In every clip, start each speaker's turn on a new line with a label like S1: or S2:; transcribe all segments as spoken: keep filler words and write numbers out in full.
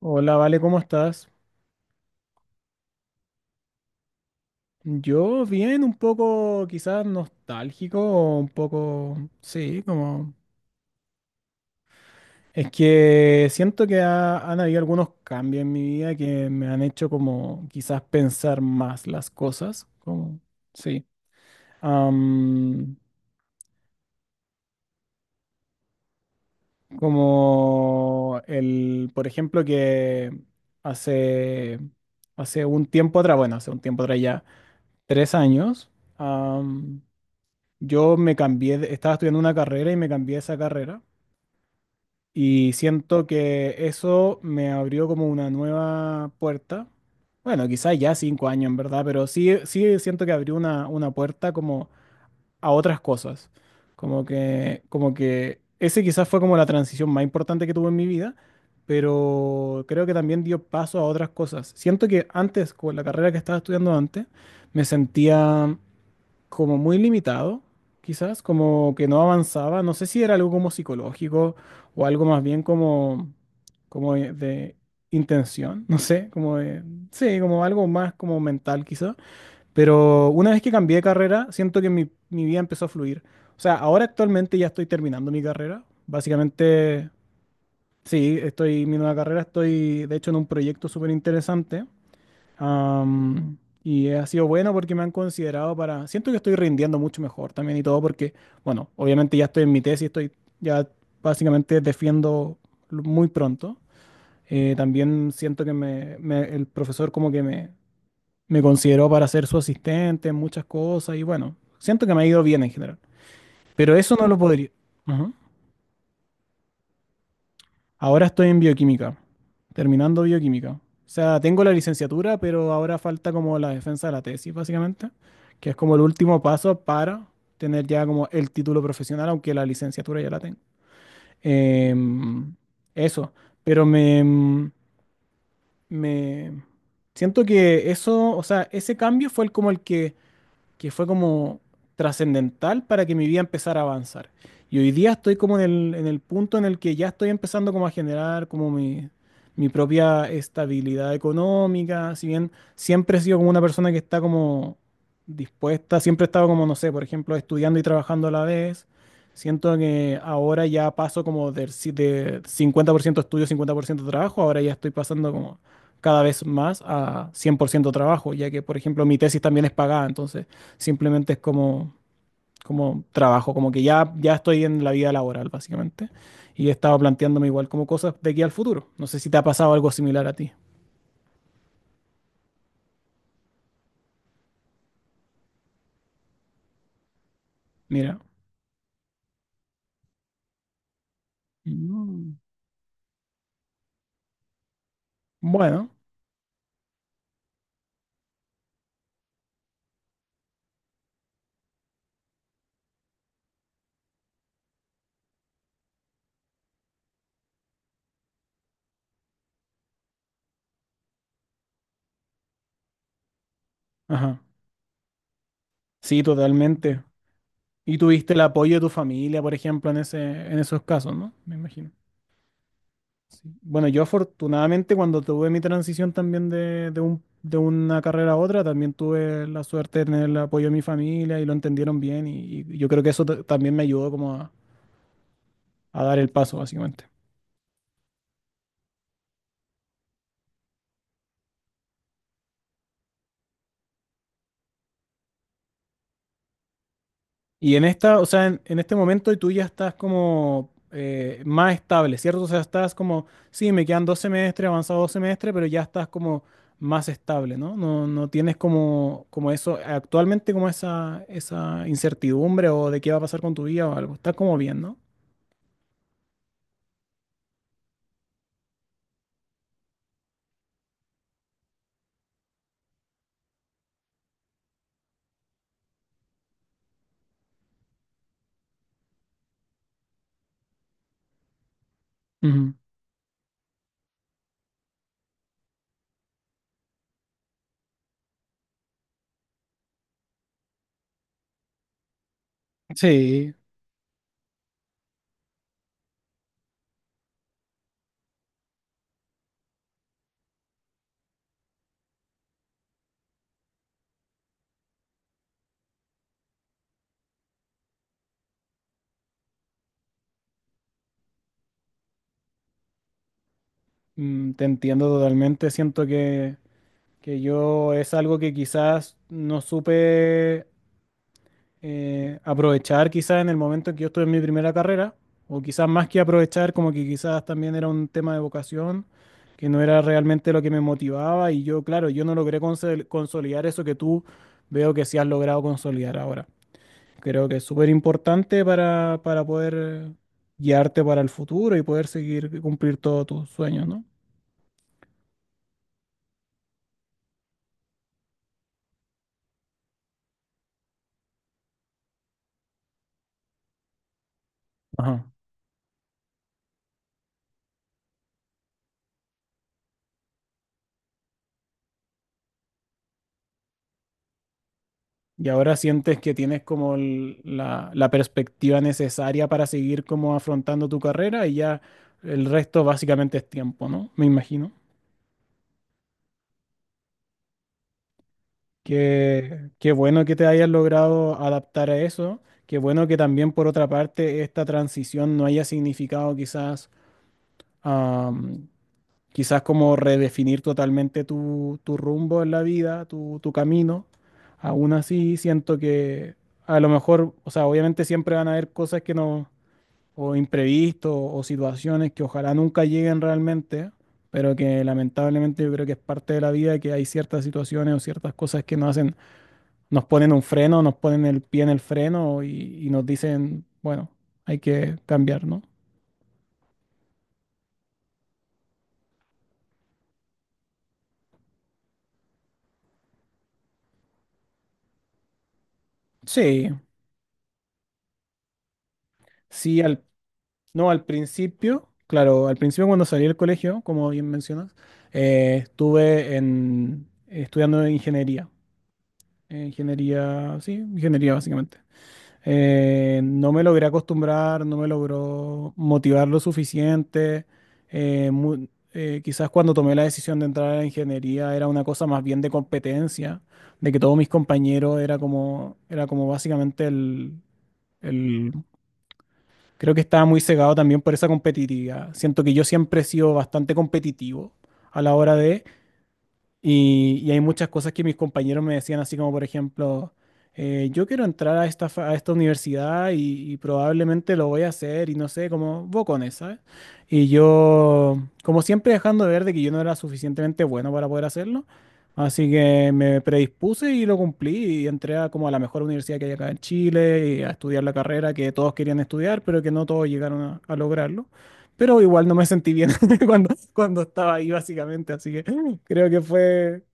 S1: Hola, Vale, ¿cómo estás? Yo bien, un poco quizás nostálgico, o un poco, sí, como... Es que siento que ha- han habido algunos cambios en mi vida que me han hecho como quizás pensar más las cosas, como, sí. Am, Como el, por ejemplo, que hace, hace un tiempo atrás, bueno, hace un tiempo atrás ya, tres años. Yo me cambié, de- estaba estudiando una carrera y me cambié a esa carrera y siento que eso me abrió como una nueva puerta. Bueno, quizás ya cinco años en verdad, pero sí, sí siento que abrió una, una puerta como a otras cosas. Como que, como que ese quizás fue como la transición más importante que tuve en mi vida, pero creo que también dio paso a otras cosas. Siento que antes, con la carrera que estaba estudiando antes, me sentía como muy limitado, quizás, como que no avanzaba. No sé si era algo como psicológico o algo más bien como, como de de intención, no sé, como de, sí, como algo más como mental quizás. Pero una vez que cambié de carrera, siento que mi, mi vida empezó a fluir. O sea, ahora actualmente ya estoy terminando mi carrera. Básicamente, sí, estoy, mi nueva carrera, estoy de hecho en un proyecto súper interesante. Am, y ha sido bueno porque me han considerado para... Siento que estoy rindiendo mucho mejor también y todo porque, bueno, obviamente ya estoy en mi tesis, estoy ya básicamente defiendo lo- muy pronto. Eh, también siento que me, me- el profesor como que me, me consideró para ser su asistente en muchas cosas y bueno, siento que me ha ido bien en general. Pero eso no lo podría... Ujú. Ahora estoy en bioquímica, terminando bioquímica. O sea, tengo la licenciatura, pero ahora falta como la defensa de la tesis, básicamente, que es como el último paso para tener ya como el título profesional, aunque la licenciatura ya la tengo. Em, eso, pero me, me siento que eso, o sea, ese cambio fue el como el que que fue como trascendental para que mi vida empezara a avanzar. Y hoy día estoy como en el, en el punto en el que ya estoy empezando como a generar como mi, mi propia estabilidad económica, si bien siempre he sido como una persona que está como dispuesta, siempre he estado como, no sé, por ejemplo, estudiando y trabajando a la vez. Siento que ahora ya paso como del si- de cincuenta por ciento estudio, cincuenta por ciento trabajo, ahora ya estoy pasando como cada vez más a cien por ciento trabajo, ya que, por ejemplo, mi tesis también es pagada, entonces simplemente es como, como trabajo, como que ya, ya estoy en la vida laboral, básicamente. Y he estado planteándome igual como cosas de aquí al futuro. No sé si te ha pasado algo similar a ti. Mira. Mm. Bueno, ajá. Sí, totalmente. Y tuviste el apoyo de tu familia, por ejemplo, en ese, en esos casos, ¿no? Me imagino. Sí. Bueno, yo afortunadamente cuando tuve mi transición también de, de un, de una carrera a otra, también tuve la suerte de tener el apoyo de mi familia y lo entendieron bien y, y yo creo que eso ta- también me ayudó como a, a dar el paso, básicamente. Y en esta, o sea, en, en este momento tú ya estás como eh, más estable, ¿cierto? O sea, estás como, sí, me quedan dos semestres, avanzado dos semestres, pero ya estás como más estable, ¿no? No, no tienes como, como eso, actualmente como esa, esa incertidumbre o de qué va a pasar con tu vida o algo. Estás como bien, ¿no? Ujú. Sí, mm, te entiendo totalmente. Siento que, que yo es algo que quizás no supe eh, aprovechar quizás en el momento en que yo estuve en mi primera carrera, o quizás más que aprovechar, como que quizás también era un tema de vocación, que no era realmente lo que me motivaba y yo, claro, yo no logré consol- consolidar eso que tú veo que sí has logrado consolidar ahora. Creo que es súper importante para, para poder guiarte para el futuro y poder seguir cumplir todos tus sueños, ¿no? Ajá. Y ahora sientes que tienes como el- la, la perspectiva necesaria para seguir como afrontando tu carrera y ya el resto básicamente es tiempo, ¿no? Me imagino. Qué, qué bueno que te hayas logrado adaptar a eso. Qué bueno que también por otra parte esta transición no haya significado quizás, am, quizás como redefinir totalmente tu, tu rumbo en la vida, tu, tu camino. Aún así siento que a lo mejor, o sea, obviamente siempre van a haber cosas que no o imprevistos o situaciones que ojalá nunca lleguen realmente, pero que lamentablemente yo creo que es parte de la vida que hay ciertas situaciones o ciertas cosas que nos hacen, nos ponen un freno, nos ponen el pie en el freno y, y nos dicen, bueno, hay que cambiar, ¿no? Sí, sí, al, no, al principio, claro, al principio cuando salí del colegio, como bien mencionas, eh, estuve en, estudiando ingeniería, eh, ingeniería, sí, ingeniería básicamente. Eh, no me logré acostumbrar, no me logró motivar lo suficiente. eh, mu- eh, quizás cuando tomé la decisión de entrar a la ingeniería era una cosa más bien de competencia, de que todos mis compañeros era como, era como básicamente el, el- creo que estaba muy cegado también por esa competitividad. Siento que yo siempre he sido bastante competitivo a la hora de y, y hay muchas cosas que mis compañeros me decían, así como por ejemplo, eh, yo quiero entrar a esta, fa- a esta universidad y, y probablemente lo voy a hacer y no sé, como bocones, ¿sabes? Y yo, como siempre, dejando de ver de que yo no era suficientemente bueno para poder hacerlo, así que me predispuse y lo cumplí y entré a como a la mejor universidad que hay acá en Chile y a estudiar la carrera que todos querían estudiar, pero que no todos llegaron a, a lograrlo. Pero igual no me sentí bien cuando, cuando estaba ahí, básicamente. Así que creo que fue,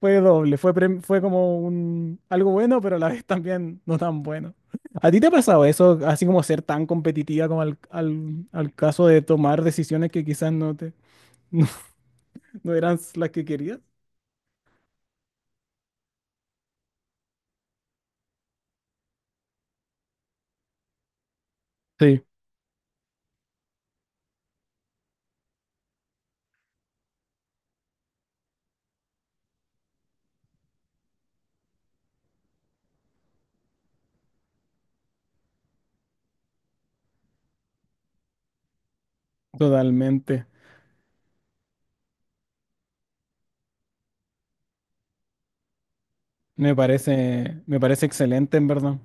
S1: fue doble. Fue, prem- fue como un, algo bueno, pero a la vez también no tan bueno. ¿A ti te ha pasado eso, así como ser tan competitiva como al, al, al caso de tomar decisiones que quizás no te, no, no eran las que querías? Sí, totalmente. Me parece, me parece excelente, en verdad.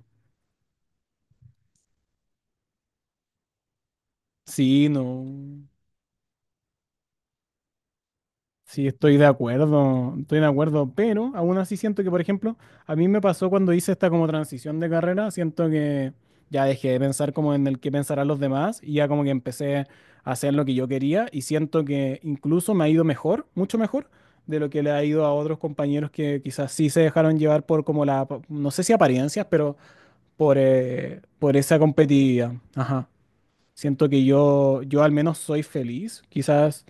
S1: Sí, no. Sí, estoy de acuerdo, estoy de acuerdo, pero aún así siento que, por ejemplo, a mí me pasó cuando hice esta como transición de carrera, siento que ya dejé de pensar como en el que pensarán los demás y ya como que empecé a hacer lo que yo quería y siento que incluso me ha ido mejor, mucho mejor de lo que le ha ido a otros compañeros que quizás sí se dejaron llevar por como la, no sé si apariencias, pero por, eh, por esa competitividad. Ajá. Siento que yo, yo al menos soy feliz. Quizás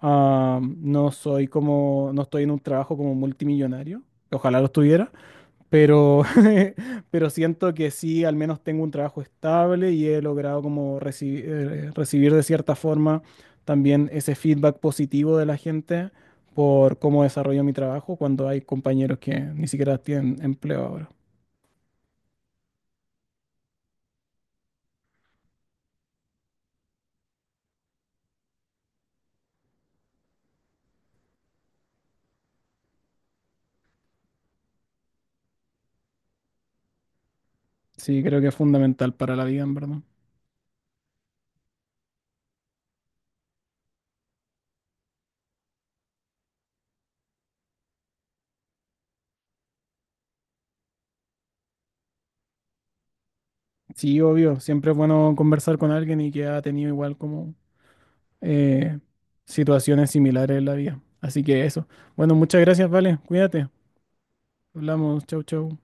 S1: ah, no soy como, no estoy en un trabajo como multimillonario. Ojalá lo estuviera, pero, pero siento que sí, al menos tengo un trabajo estable y he logrado como reci- eh, recibir de cierta forma también ese feedback positivo de la gente por cómo desarrollo mi trabajo cuando hay compañeros que ni siquiera tienen empleo ahora. Sí, creo que es fundamental para la vida, en verdad. Sí, obvio, siempre es bueno conversar con alguien y que ha tenido igual como eh, situaciones similares en la vida. Así que eso. Bueno, muchas gracias, vale. Cuídate. Hablamos. Chau, chau.